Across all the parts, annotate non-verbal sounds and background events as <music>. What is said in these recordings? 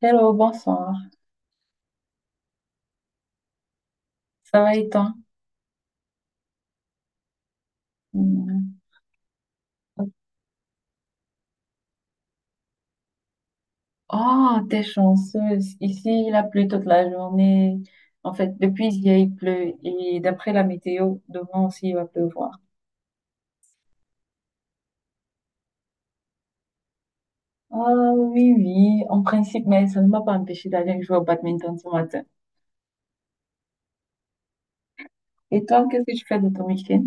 Hello, bonsoir. Ça va et toi? Mm. Oh, t'es chanceuse. Ici, il a plu toute la journée. En fait, depuis hier, il pleut. Et d'après la météo, demain aussi, il va pleuvoir. Ah oui, oui, en principe, mais ça ne m'a pas empêché d'aller jouer au badminton ce matin. Et toi, qu'est-ce que tu fais de ton week-end?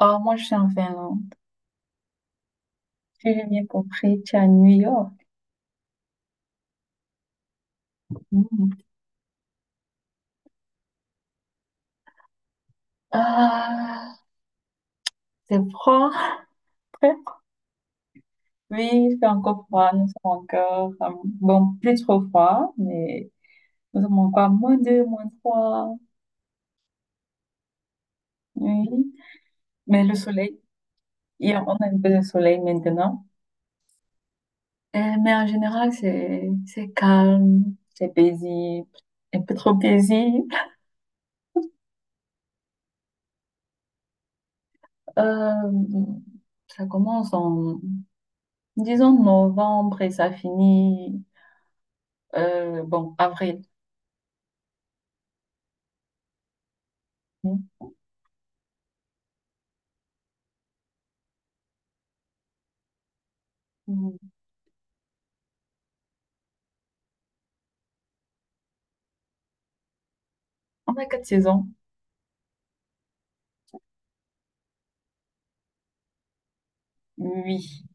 Oh, moi, je suis en Finlande. Si j'ai bien compris, tu es à New York. Mm. Ah, c'est froid. <laughs> Oui, il fait encore froid, nous sommes encore, bon, plus trop froid, mais nous sommes encore moins 2, moins trois. Oui. Mais le soleil, hier, on a un peu de soleil maintenant. Mais en général, c'est calme, c'est paisible, un peu trop paisible. Euh, ça commence en, disons, novembre et ça finit, bon, avril. Mm. On a quatre saisons, oui.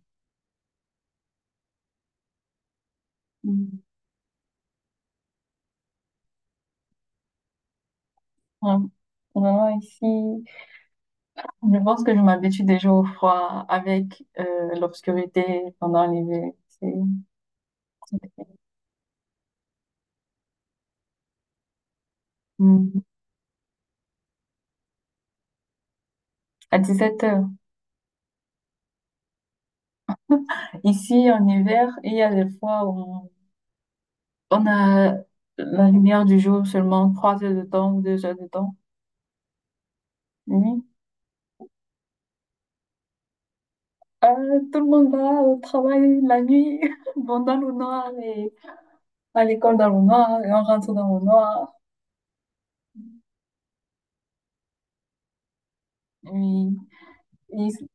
Mm. Ouais. Vraiment ici. Je pense que je m'habitue déjà au froid avec l'obscurité pendant l'hiver. Mm. À 17 heures. Ici, en hiver, il y a des fois où on a la lumière du jour seulement 3 heures de temps, 2 heures de temps. Oui. Tout le monde va au travail la nuit, <laughs> bon, dans le noir, et à l'école dans le noir, et on rentre dans le noir. Oui, oui.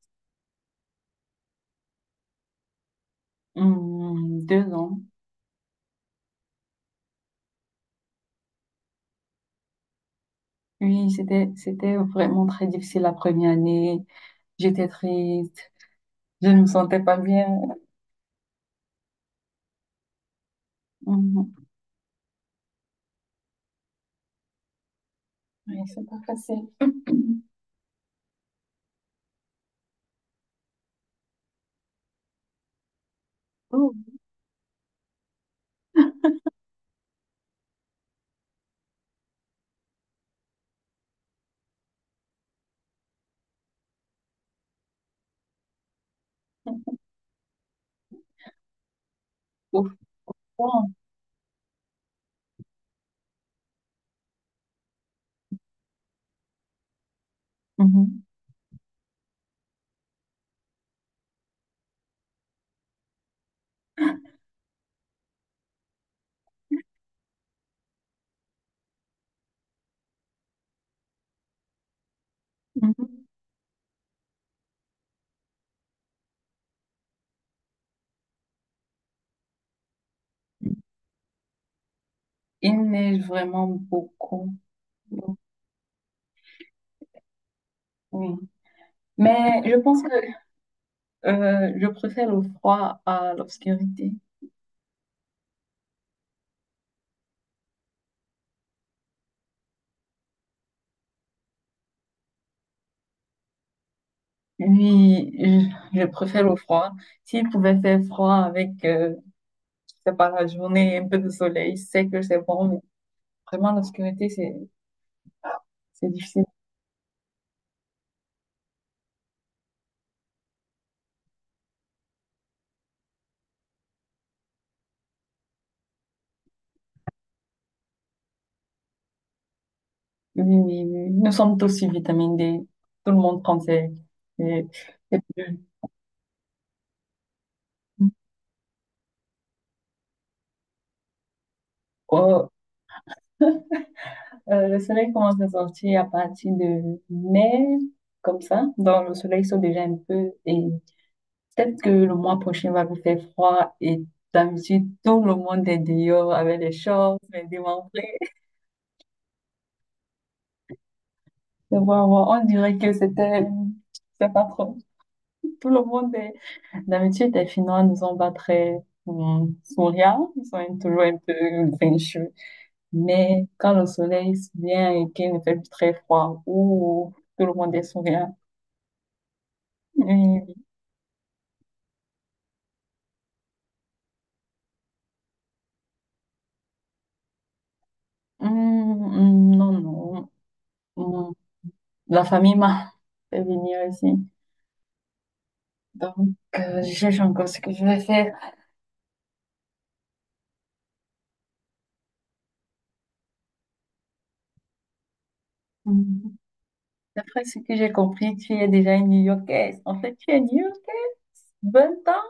Mm, 2 ans. Oui, c'était vraiment très difficile la première année. J'étais triste, je ne me sentais pas bien. Mhm. Oui, c'est pas facile. <coughs> <clears throat> Oh, au fond, mhm, mhm. Il neige vraiment beaucoup. Oui. Mais je pense que je préfère le froid à l'obscurité. Oui, je préfère le froid. S'il pouvait faire froid avec, je sais pas, la journée, un peu de soleil, c'est que c'est bon, mais vraiment l'obscurité, c'est difficile. Oui, oui, oui. Oui. Nous sommes tous sur vitamine D. Tout le monde prend ses. Oh, le soleil commence à sortir à partir de mai, comme ça. Donc, le soleil sort déjà un peu. Et peut-être que le mois prochain va vous faire froid. Et d'habitude, tout le monde est dehors avec les shorts, les démantelés. Et voilà, voilà. On dirait que c'était... C'est pas trop. Tout le monde est... D'habitude, les Finnois ne sont pas très souriants. Ils sont toujours un peu grincheux. Mais quand le soleil vient et qu'il ne fait plus très froid, ou tout le monde est souriant. Et, non, non. hum, La famille m'a fait venir ici. Donc, je cherche encore ce que je vais faire. Hum, D'après ce que j'ai compris, tu es déjà une New-Yorkaise. En fait, tu es New-Yorkaise. 20 ans?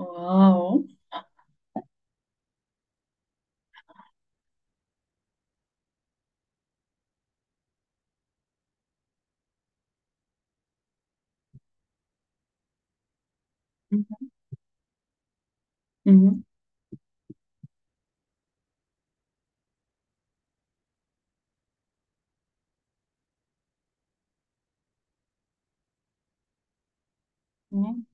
Waouh. Hum, hum, hum.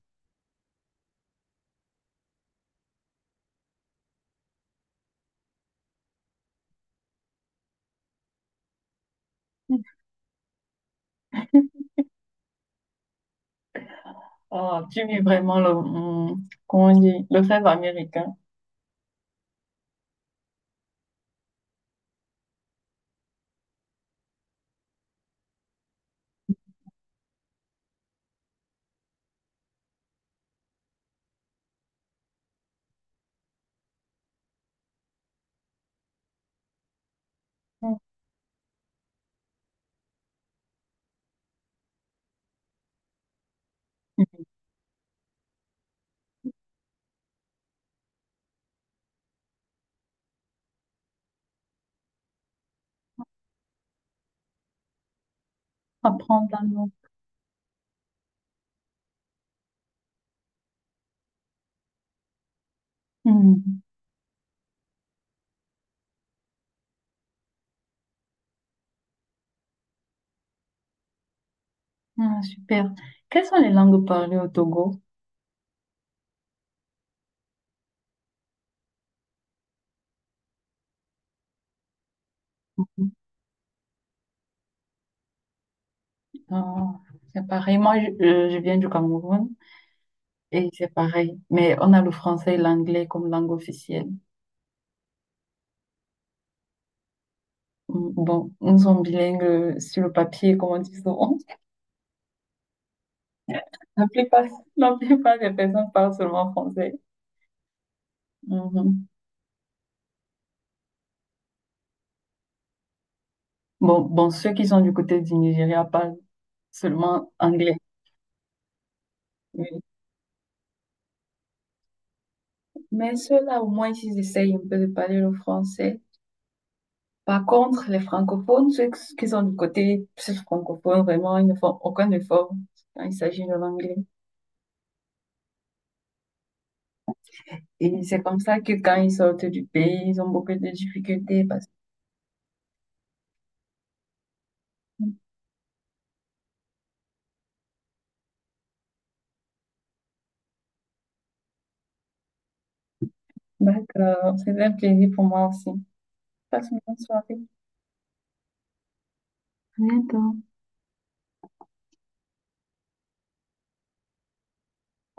Oh, tu vis vraiment le, comment on dit, le rêve américain. Hum, hum. Apprendre un mot. Ah, super. Quelles sont les langues parlées au Togo? Ah, c'est pareil. Moi, je viens du Cameroun et c'est pareil. Mais on a le français et l'anglais comme langue officielle. Mm, bon, nous sommes bilingues sur le papier, comme on dit souvent. <laughs> La plupart, la plupart des personnes parlent seulement français. Mhm. Bon, bon, ceux qui sont du côté du Nigeria parlent seulement anglais. Oui. Mais ceux-là, au moins, ils essayent un peu de parler le français. Par contre, les francophones, ceux qui sont du côté francophone, vraiment, ils ne font aucun effort quand il s'agit de l'anglais. Et c'est comme ça que quand ils sortent du pays, ils ont beaucoup de difficultés. D'accord, c'est un plaisir pour moi aussi. Passe une bonne soirée. À bientôt.